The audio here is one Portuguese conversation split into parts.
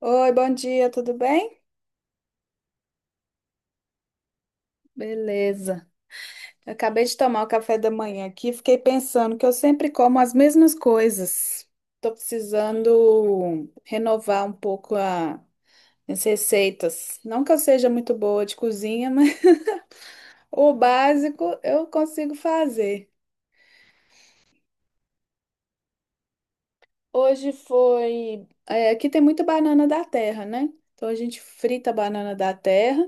Oi, bom dia, tudo bem? Beleza. Eu acabei de tomar o café da manhã aqui, e fiquei pensando que eu sempre como as mesmas coisas. Tô precisando renovar um pouco as receitas. Não que eu seja muito boa de cozinha, mas o básico eu consigo fazer. Hoje foi, aqui tem muita banana da terra, né? Então a gente frita a banana da terra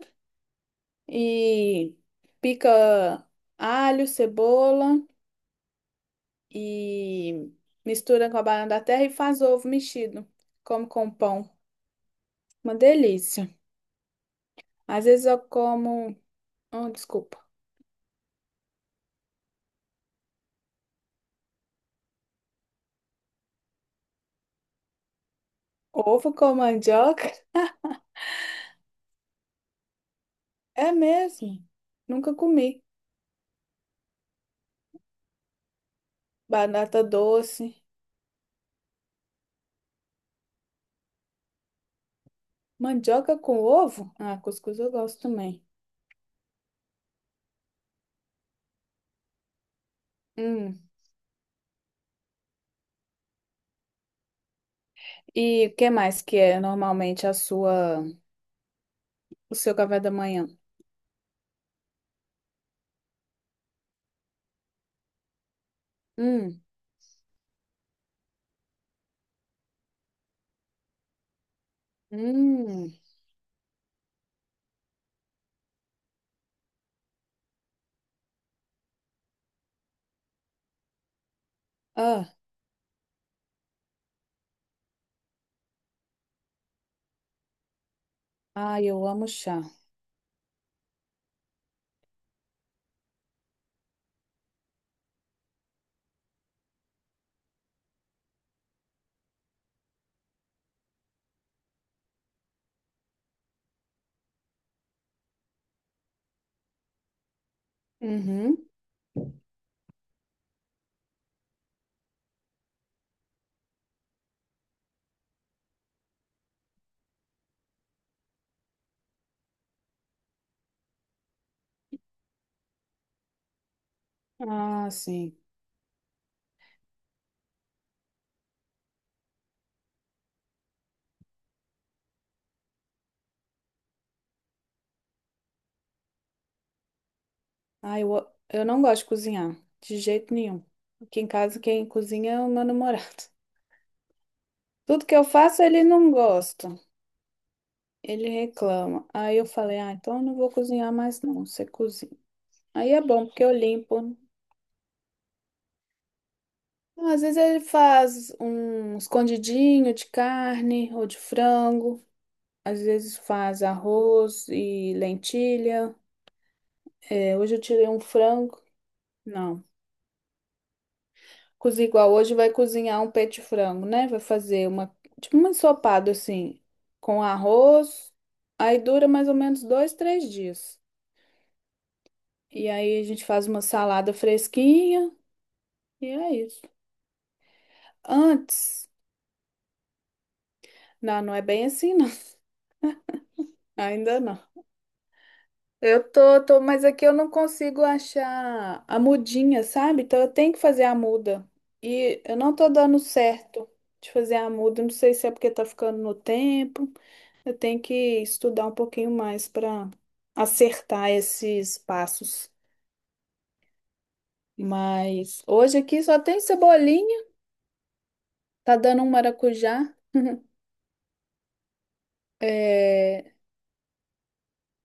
e pica alho, cebola. E mistura com a banana da terra e faz ovo mexido. Como com um pão. Uma delícia. Às vezes eu como. Oh, desculpa. Ovo com mandioca? É mesmo. Nunca comi. Batata doce. Mandioca com ovo? Ah, cuscuz eu gosto também. Hum. E o que mais que é normalmente a o seu café da manhã? Hum. Hum. Ah, ah, eu amo chá. Uhum. Ah, sim. Ah, eu não gosto de cozinhar, de jeito nenhum. Aqui em casa quem cozinha é o meu namorado. Tudo que eu faço ele não gosta, ele reclama. Aí eu falei, ah, então eu não vou cozinhar mais não, você cozinha. Aí é bom porque eu limpo, né? Então, às vezes ele faz um escondidinho de carne ou de frango. Às vezes faz arroz e lentilha. É, hoje eu tirei um frango. Não. Cozinha igual hoje, vai cozinhar um peito de frango, né? Vai fazer uma, tipo um ensopado assim, com arroz. Aí dura mais ou menos dois, três dias. E aí a gente faz uma salada fresquinha e é isso. Antes, não, não é bem assim, não. Ainda não. Eu tô, mas aqui eu não consigo achar a mudinha, sabe? Então eu tenho que fazer a muda. E eu não tô dando certo de fazer a muda. Não sei se é porque tá ficando no tempo. Eu tenho que estudar um pouquinho mais para acertar esses passos. Mas hoje aqui só tem cebolinha, tá dando um maracujá. É,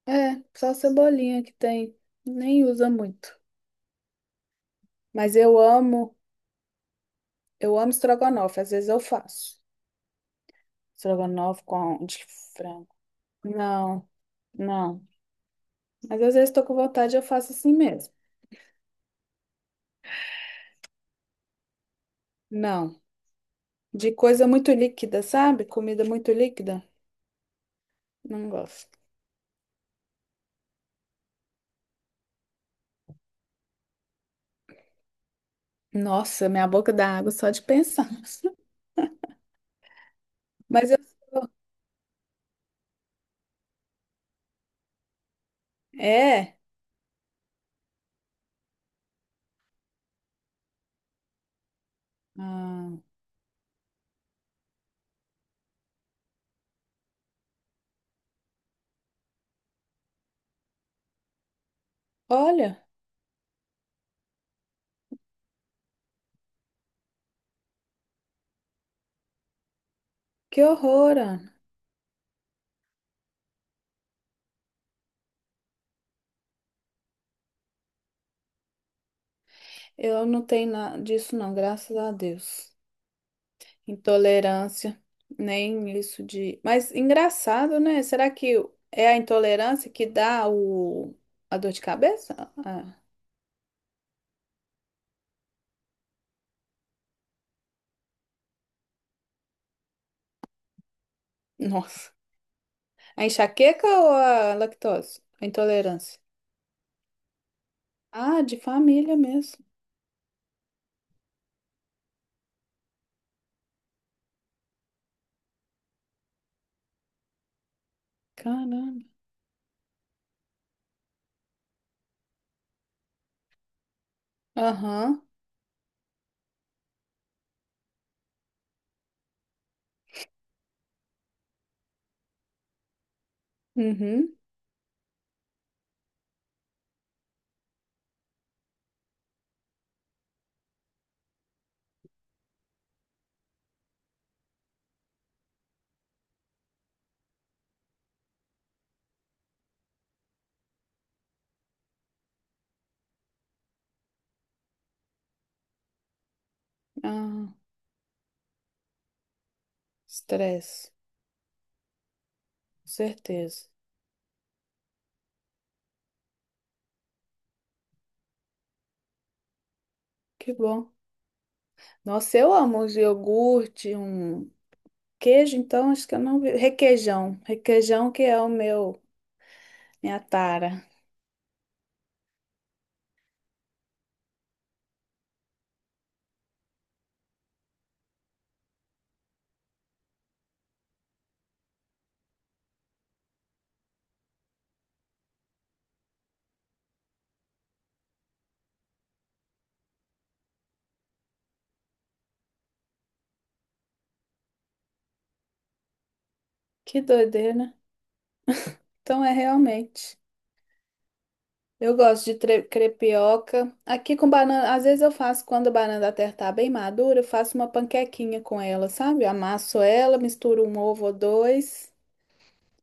é, só cebolinha que tem, nem usa muito. Mas eu amo estrogonofe, às vezes eu faço. Estrogonofe com de frango. Não, não. Mas às vezes tô com vontade, eu faço assim mesmo. Não, de coisa muito líquida, sabe? Comida muito líquida, não gosto. Nossa, minha boca dá água só de pensar. Mas eu sou. É. Ah, olha, que horror, Ana. Eu não tenho nada disso, não, graças a Deus. Intolerância, nem isso de. Mas engraçado, né? Será que é a intolerância que dá o... a dor de cabeça? Ah, nossa. A enxaqueca ou a lactose? A intolerância. Ah, de família mesmo. Caramba. Aham. Uhum. Ah, estresse. Com certeza. Que bom. Nossa, eu amo um iogurte, um queijo, então acho que eu não vi. Requeijão. Requeijão que é o meu, minha tara. Que doideira, né? Então é realmente. Eu gosto de crepioca. Aqui com banana, às vezes eu faço quando a banana da terra tá bem madura, eu faço uma panquequinha com ela, sabe? Eu amasso ela, misturo um ovo ou dois.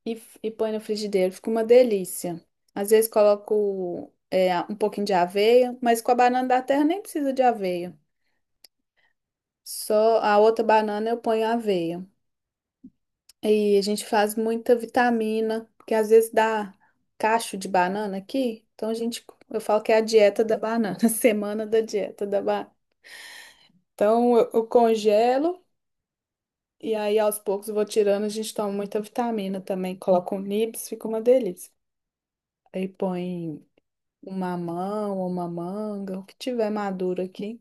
E põe no frigideiro. Fica uma delícia. Às vezes coloco um pouquinho de aveia, mas com a banana da terra nem precisa de aveia. Só a outra banana eu ponho aveia. E a gente faz muita vitamina, porque às vezes dá cacho de banana aqui. Então eu falo que é a dieta da banana, semana da dieta da banana. Então eu congelo e aí aos poucos eu vou tirando, a gente toma muita vitamina também. Coloco um nibs, fica uma delícia. Aí põe uma mamão ou uma manga, o que tiver maduro aqui.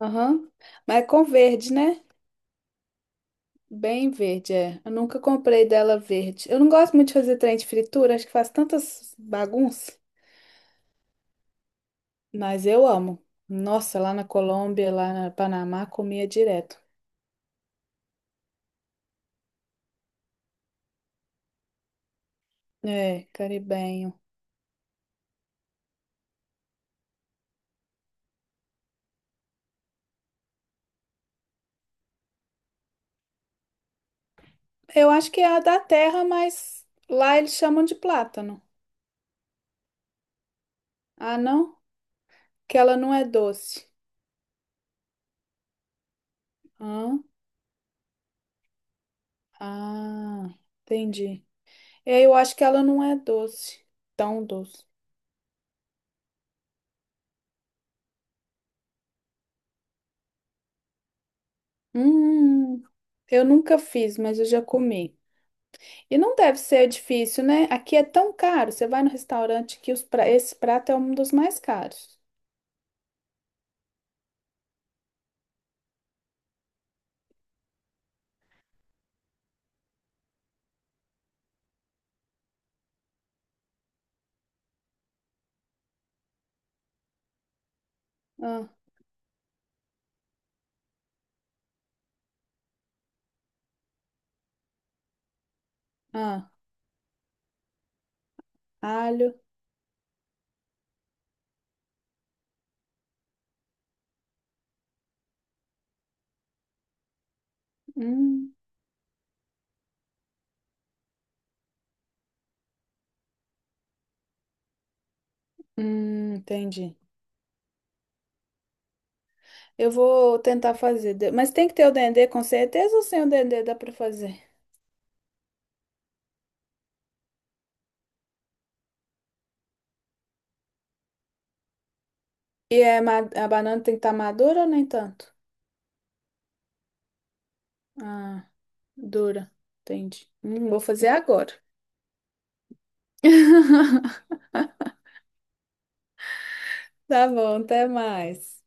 Aham. Mas é com verde, né? Bem verde, é. Eu nunca comprei dela verde. Eu não gosto muito de fazer trem de fritura, acho que faz tantas bagunças, mas eu amo. Nossa, lá na Colômbia, lá na Panamá, comia direto. É, caribenho. Eu acho que é a da terra, mas lá eles chamam de plátano. Ah, não? Que ela não é doce. Hã? Ah, entendi. É, eu acho que ela não é tão doce. Hum, eu nunca fiz, mas eu já comi. E não deve ser difícil, né? Aqui é tão caro. Você vai no restaurante que os pra... esse prato é um dos mais caros. Ah, ah, alho. Hum, hum, entendi. Eu vou tentar fazer, mas tem que ter o dendê com certeza ou sem o dendê dá pra fazer? E é a banana tem que estar madura ou nem tanto? Ah, dura. Entendi. Vou fazer agora. Tá bom, até mais.